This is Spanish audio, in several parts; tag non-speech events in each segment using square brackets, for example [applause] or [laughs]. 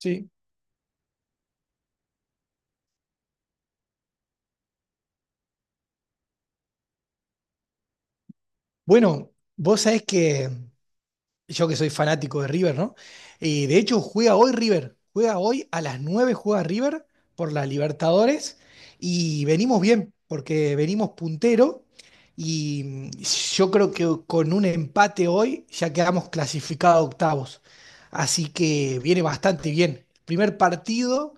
Sí. Bueno, vos sabés que yo que soy fanático de River, ¿no? Y de hecho juega hoy River, juega hoy a las 9 juega River por las Libertadores y venimos bien, porque venimos puntero y yo creo que con un empate hoy ya quedamos clasificados a octavos. Así que viene bastante bien. Primer partido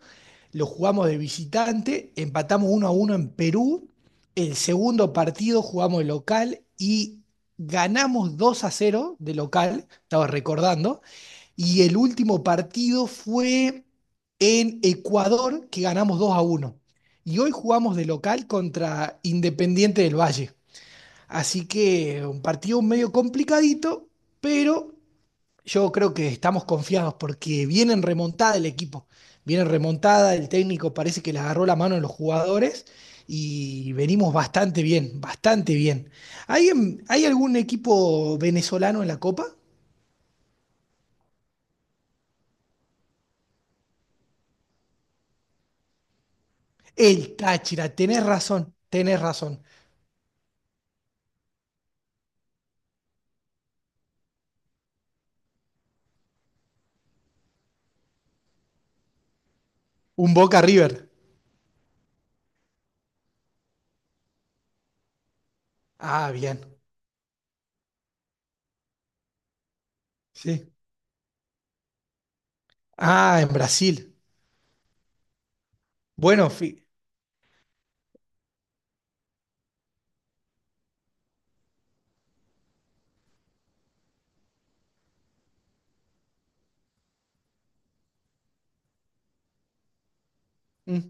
lo jugamos de visitante, empatamos 1-1 en Perú. El segundo partido jugamos de local y ganamos 2-0 de local estaba recordando. Y el último partido fue en Ecuador, que ganamos 2-1. Y hoy jugamos de local contra Independiente del Valle. Así que un partido medio complicadito, pero yo creo que estamos confiados porque viene en remontada el equipo. Viene en remontada, el técnico parece que le agarró la mano a los jugadores y venimos bastante bien, bastante bien. ¿Hay algún equipo venezolano en la Copa? El Táchira, tenés razón, tenés razón. Un Boca River. Ah, bien. Sí. Ah, en Brasil. Bueno, mm,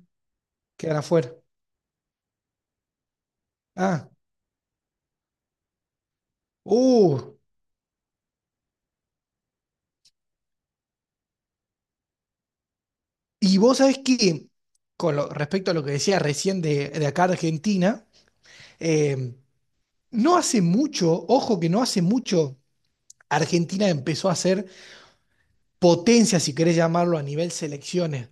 quedan afuera. Ah, uh. Y vos sabés que, con respecto a lo que decía recién de acá Argentina, eh, no hace mucho, ojo que no hace mucho, Argentina empezó a ser potencia, si querés llamarlo, a nivel selecciones.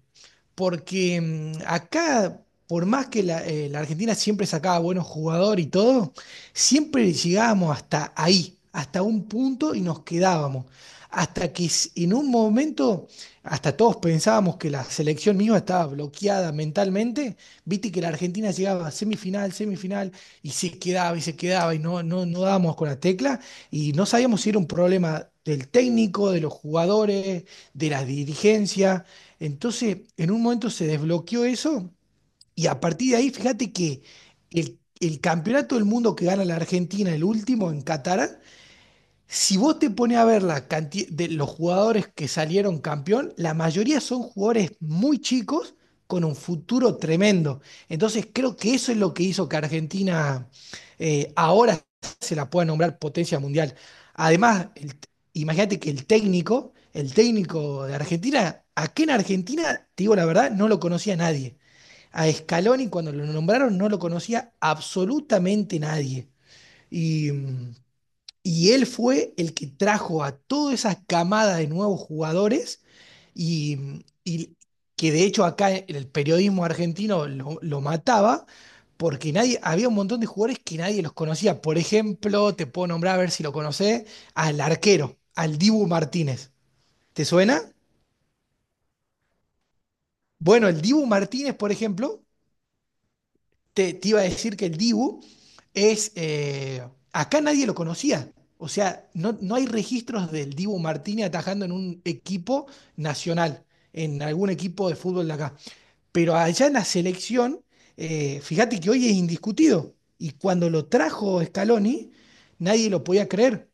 Porque acá, por más que la Argentina siempre sacaba buenos jugadores y todo, siempre llegábamos hasta ahí, hasta un punto y nos quedábamos. Hasta que en un momento, hasta todos pensábamos que la selección misma estaba bloqueada mentalmente, viste que la Argentina llegaba a semifinal, semifinal, y se quedaba y se quedaba y no, no, no dábamos con la tecla y no sabíamos si era un problema del técnico, de los jugadores, de la dirigencia. Entonces, en un momento se desbloqueó eso y a partir de ahí, fíjate que el campeonato del mundo que gana la Argentina, el último en Qatar, si vos te pones a ver la cantidad de los jugadores que salieron campeón, la mayoría son jugadores muy chicos con un futuro tremendo. Entonces creo que eso es lo que hizo que Argentina ahora se la pueda nombrar potencia mundial. Además, imagínate que el técnico de Argentina, aquí en Argentina, te digo la verdad, no lo conocía nadie. A Scaloni cuando lo nombraron no lo conocía absolutamente nadie. Y y él fue el que trajo a toda esa camada de nuevos jugadores y que de hecho acá el periodismo argentino lo mataba porque nadie, había un montón de jugadores que nadie los conocía. Por ejemplo, te puedo nombrar a ver si lo conocés, al arquero, al Dibu Martínez. ¿Te suena? Bueno, el Dibu Martínez, por ejemplo, te iba a decir que el Dibu es, acá nadie lo conocía. O sea, no, no hay registros del Dibu Martínez atajando en un equipo nacional, en algún equipo de fútbol de acá. Pero allá en la selección, fíjate que hoy es indiscutido. Y cuando lo trajo Scaloni, nadie lo podía creer.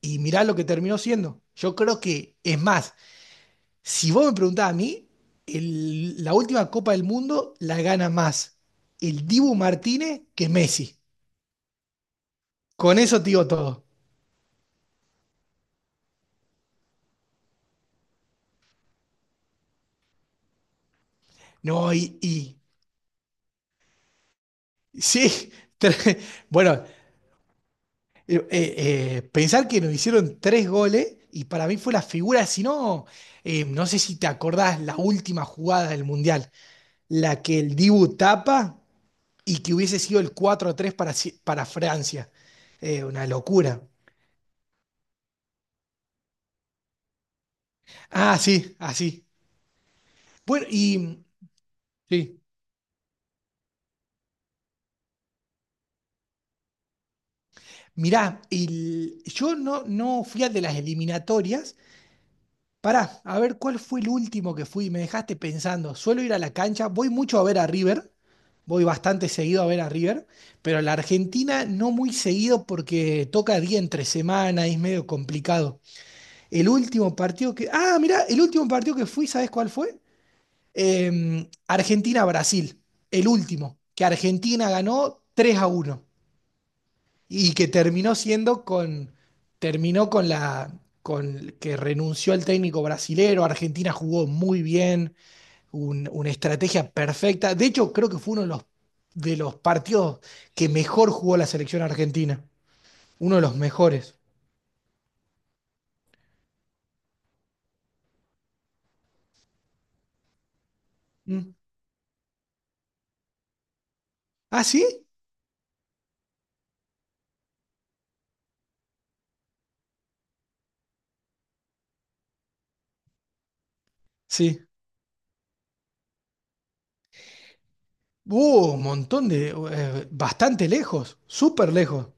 Y mirá lo que terminó siendo. Yo creo que, es más, si vos me preguntás a mí, la última Copa del Mundo la gana más el Dibu Martínez que Messi. Con eso te digo todo. No, sí, [laughs] tre- bueno, pensar que nos hicieron 3 goles y para mí fue la figura, si no, no sé si te acordás la última jugada del Mundial, la que el Dibu tapa y que hubiese sido el 4 tres para, para Francia. Una locura. Ah, sí, así. Bueno, y. Sí. Mirá, yo no fui al de las eliminatorias. Pará, a ver cuál fue el último que fui. Me dejaste pensando. Suelo ir a la cancha, voy mucho a ver a River. Voy bastante seguido a ver a River, pero a la Argentina no muy seguido porque toca día entre semana y es medio complicado. El último partido que. Ah, mirá, el último partido que fui, ¿sabes cuál fue? Argentina-Brasil. El último, que Argentina ganó 3-1. Y que terminó siendo con, terminó con la, con que renunció el técnico brasilero, Argentina jugó muy bien, una estrategia perfecta. De hecho, creo que fue uno de los partidos que mejor jugó la selección argentina, uno de los mejores. Mm. ¿Ah, sí? Sí. Hubo un montón de, bastante lejos, súper lejos.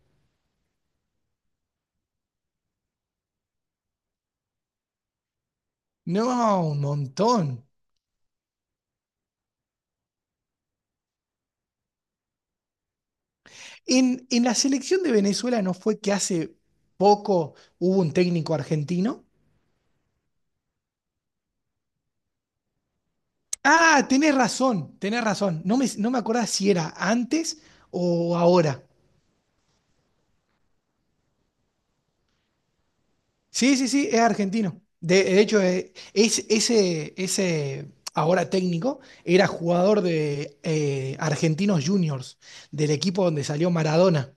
No, un montón. En la selección de Venezuela no fue que hace poco hubo un técnico argentino. Ah, tenés razón, tenés razón. No me acordaba si era antes o ahora. Sí, sí, sí, es argentino. De hecho, ese ahora técnico era jugador de Argentinos Juniors, del equipo donde salió Maradona.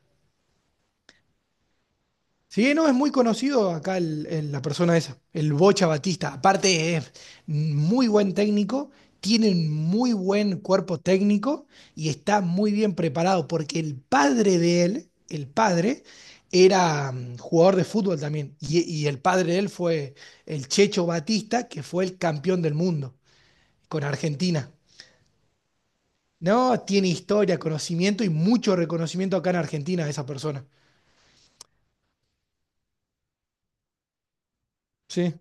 Sí, no, es muy conocido acá la persona esa, el Bocha Batista. Aparte es muy buen técnico, tiene un muy buen cuerpo técnico y está muy bien preparado porque el padre de él, el padre, era jugador de fútbol también. Y el padre de él fue el Checho Batista, que fue el campeón del mundo con Argentina. No, tiene historia, conocimiento y mucho reconocimiento acá en Argentina esa persona. Sí,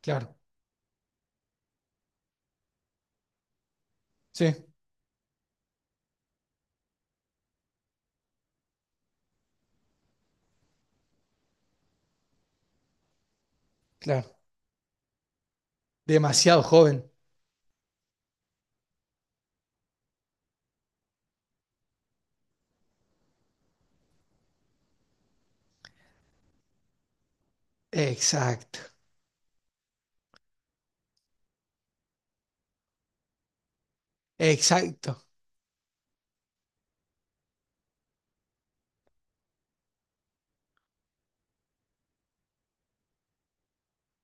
claro, sí, claro. Demasiado joven. Exacto, exacto.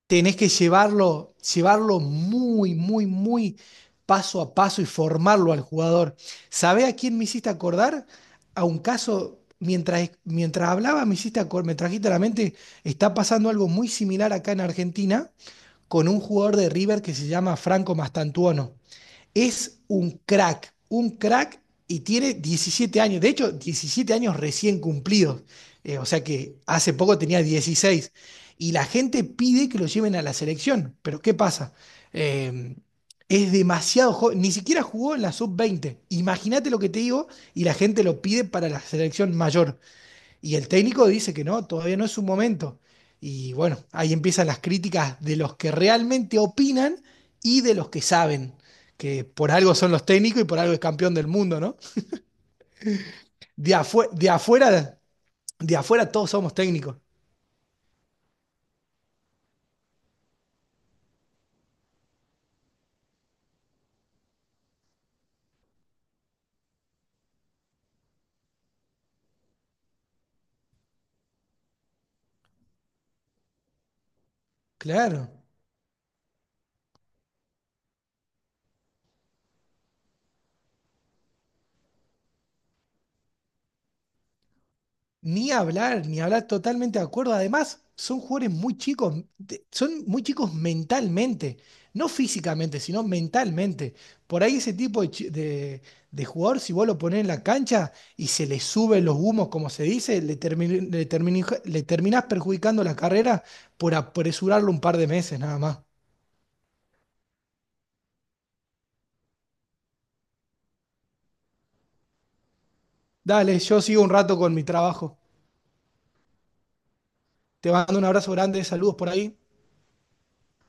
Tenés que llevarlo, llevarlo muy, muy, muy paso a paso y formarlo al jugador. ¿Sabés a quién me hiciste acordar? A un caso, mientras hablaba, me trajiste a la mente, está pasando algo muy similar acá en Argentina con un jugador de River que se llama Franco Mastantuono. Es un crack y tiene 17 años, de hecho 17 años recién cumplidos, o sea que hace poco tenía 16 y la gente pide que lo lleven a la selección, pero ¿qué pasa? Eh, es demasiado joven, ni siquiera jugó en la sub 20 imagínate lo que te digo y la gente lo pide para la selección mayor. Y el técnico dice que no, todavía no es su momento. Y bueno, ahí empiezan las críticas de los que realmente opinan y de los que saben, que por algo son los técnicos y por algo es campeón del mundo, ¿no? De, de afuera todos somos técnicos. Claro. Ni hablar, ni hablar, totalmente de acuerdo. Además, son jugadores muy chicos, son muy chicos mentalmente, no físicamente, sino mentalmente. Por ahí ese tipo de, de jugador, si vos lo ponés en la cancha y se le suben los humos, como se dice, le terminás perjudicando la carrera por apresurarlo un par de meses nada más. Dale, yo sigo un rato con mi trabajo. Te mando un abrazo grande, saludos por ahí.